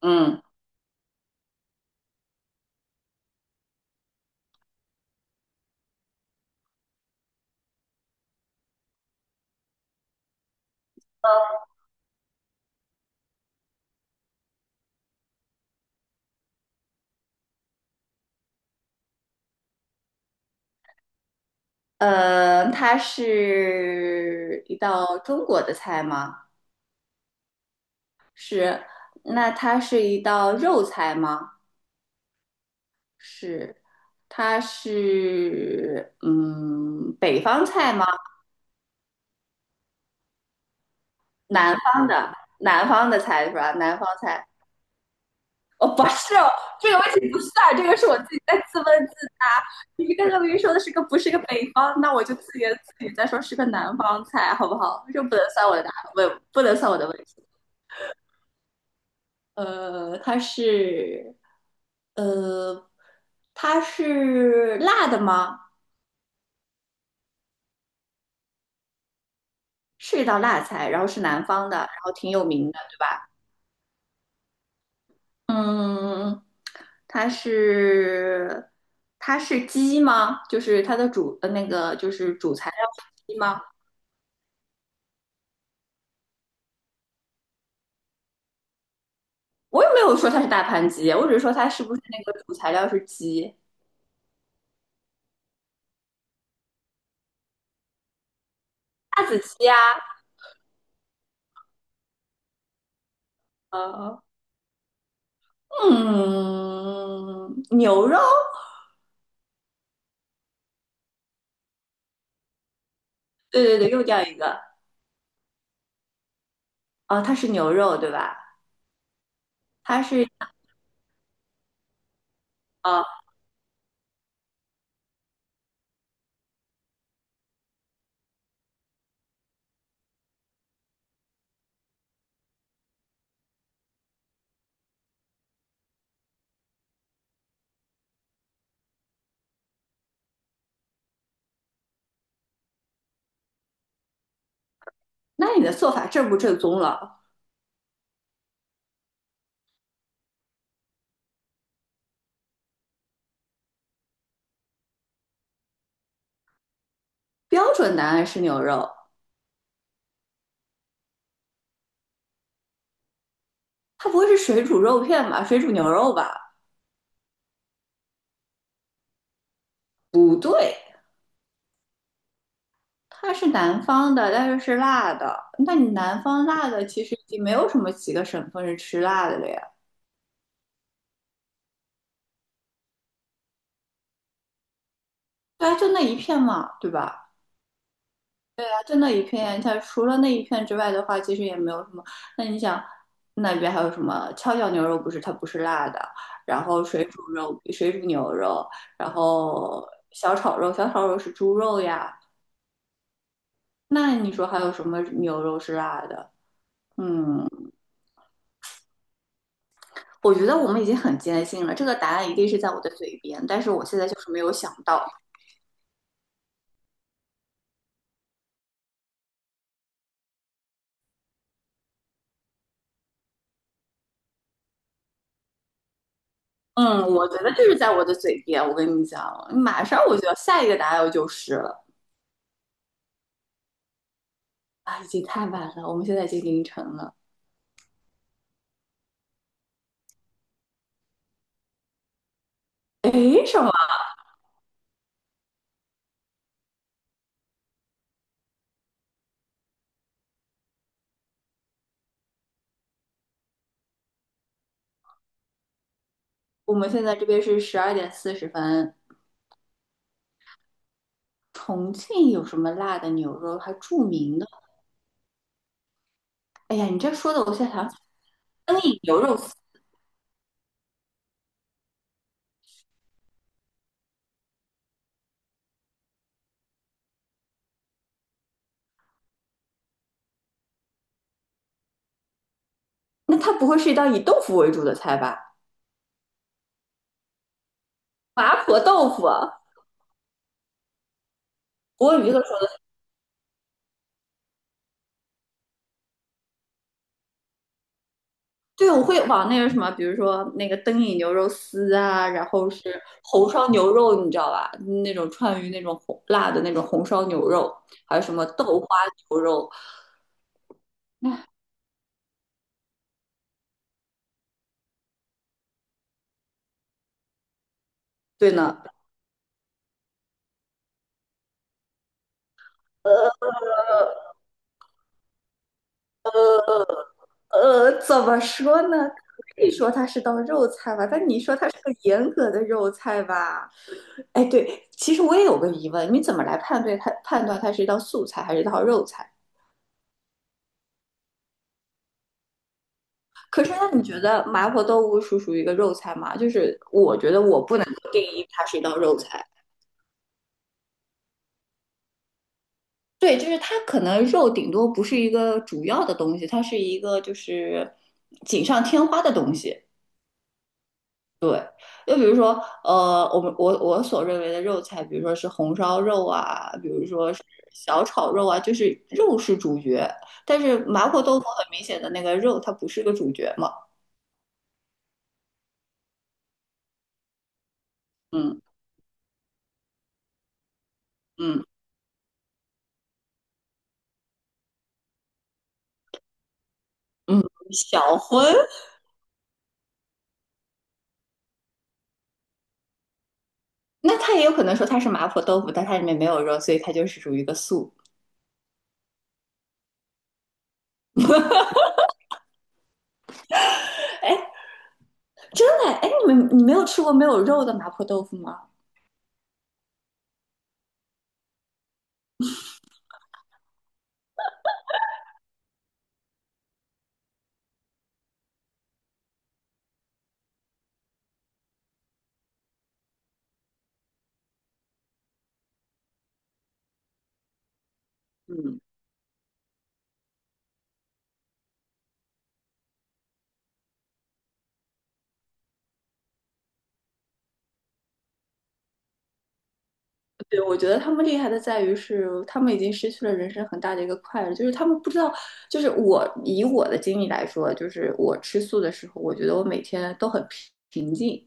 嗯，它是一道中国的菜吗？是。那它是一道肉菜吗？是。它是北方菜吗？南方的，南方的菜是吧？南方菜。哦，不是哦，这个问题不算，这个是我自己在自问自答。你刚刚明明说的是个不是个北方，那我就自言自语再说是个南方菜，好不好？这不能算我的答，不能算我的问题。呃，它是呃，它是辣的吗？是一道辣菜，然后是南方的，然后挺有名的，对吧？嗯，它是它是鸡吗？就是它的那个就是主材料鸡吗？我也没有说它是大盘鸡，我只是说它是不是那个主材料是鸡，辣子鸡呀。呃，嗯，牛肉？对对对，又掉一个。哦，它是牛肉，对吧？它是。啊，那你的做法正不正宗了？标准答案是牛肉。它不会是水煮肉片吧？水煮牛肉吧？不对。它是南方的，但是是辣的。那你南方辣的其实已经没有什么几个省份是吃辣的了呀。对啊，就那一片嘛，对吧？对啊，就那一片。它除了那一片之外的话，其实也没有什么。那你想，那边还有什么跷脚牛肉？不是，它不是辣的。然后水煮肉、水煮牛肉，然后小炒肉，小炒肉是猪肉呀。那你说还有什么牛肉是辣的？嗯，我觉得我们已经很坚信了，这个答案一定是在我的嘴边，但是我现在就是没有想到。嗯，我觉得就是在我的嘴边。我跟你们讲，马上我就要下一个答案就是了。啊，已经太晚了，我们现在已经凌晨了。诶，什么？我们现在这边是12:40。重庆有什么辣的牛肉还著名的？哎呀，你这说的，我现在想起灯影牛肉丝。那它不会是一道以豆腐为主的菜吧？麻婆豆腐啊，我有一个。对，我会往那个什么，比如说那个灯影牛肉丝啊，然后是红烧牛肉，你知道吧？那种川渝那种红辣的那种红烧牛肉，还有什么豆花牛肉。唉对呢，怎么说呢？可以说它是道肉菜吧，但你说它是个严格的肉菜吧？哎，对，其实我也有个疑问，你怎么来判断它是一道素菜还是一道肉菜？可是，那你觉得麻婆豆腐属于一个肉菜吗？就是我觉得我不能够定义它是一道肉菜。对，就是它可能肉顶多不是一个主要的东西，它是一个就是锦上添花的东西。就比如说，我们我我所认为的肉菜，比如说是红烧肉啊，比如说是小炒肉啊，就是肉是主角。但是麻婆豆腐很明显的那个肉，它不是个主角嘛。嗯嗯嗯，小荤。那他也有可能说他是麻婆豆腐，但它里面没有肉，所以它就是属于一个素。哎，真的，哎，你们没有吃过没有肉的麻婆豆腐吗？嗯，对，我觉得他们厉害的在于是，他们已经失去了人生很大的一个快乐，就是他们不知道，就是我以我的经历来说，就是我吃素的时候，我觉得我每天都很平静，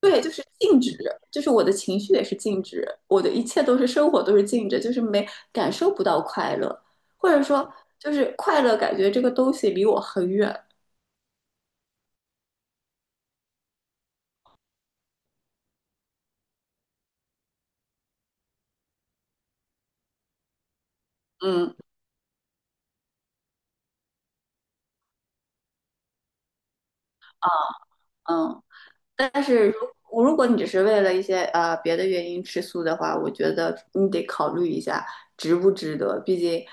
对，就是静止，就是我的情绪也是静止，我的一切都是生活都是静止，就是没感受不到快乐，或者说就是快乐感觉这个东西离我很远。嗯嗯。但是如果你只是为了一些别的原因吃素的话，我觉得你得考虑一下值不值得，毕竟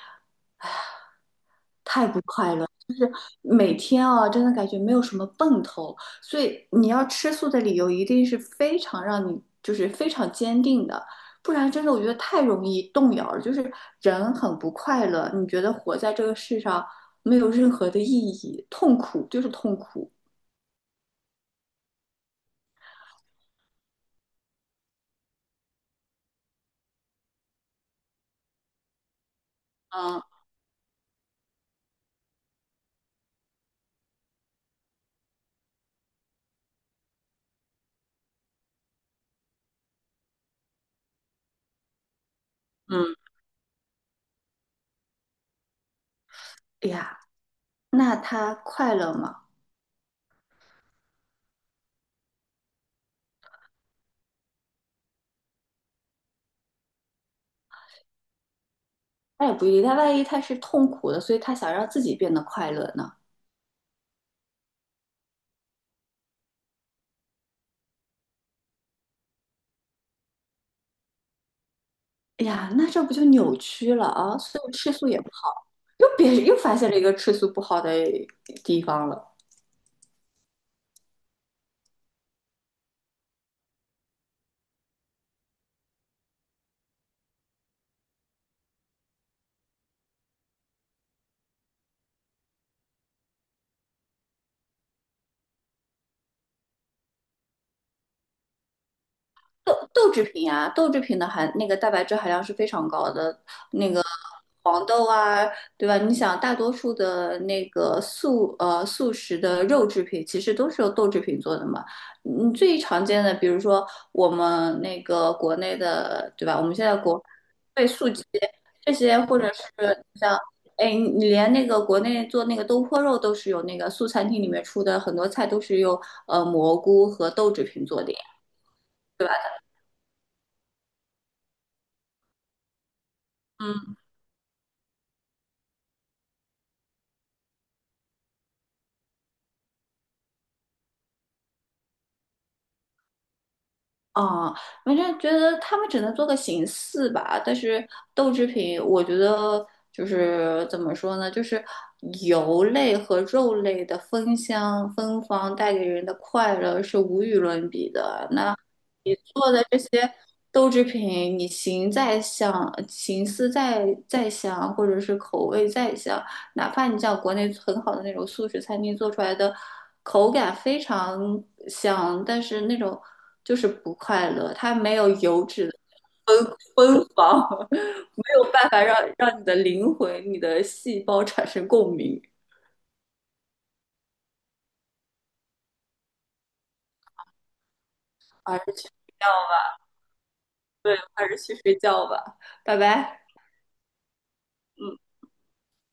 每天啊，真的感觉没有什么奔头，所以你要吃素的理由一定是非常让你非常坚定的，不然真的我觉得太容易动摇了，就是人很不快乐，你觉得活在这个世上没有任何的意义，痛苦就是痛苦。嗯嗯，哎呀，那他快乐吗？那也不一定，他万一他是痛苦的，所以他想让自己变得快乐呢？哎呀，那这不就扭曲了啊？所以吃素也不好，又别又发现了一个吃素不好的地方了。豆制品啊，豆制品的含那个蛋白质含量是非常高的，那个黄豆啊，对吧？你想，大多数的那个素食的肉制品，其实都是由豆制品做的嘛。嗯，最常见的，比如说我们那个国内的，对吧？我们现在国被素鸡这些，或者是像。哎，你连那个国内做那个东坡肉都是有那个素餐厅里面出的很多菜都是用蘑菇和豆制品做的呀，对吧？嗯。啊，反正觉得他们只能做个形式吧，但是豆制品，我觉得就是怎么说呢，就是油类和肉类的芬芳带给人的快乐是无与伦比的。你做的这些豆制品，你形再像，形似再像，或者是口味再像，哪怕你像国内很好的那种素食餐厅做出来的，口感非常像，但是那种就是不快乐，它没有油脂的芬芬芳，没有办法让你的灵魂、你的细胞产生共鸣。还是去睡觉。对，还是去睡觉吧，拜拜。嗯。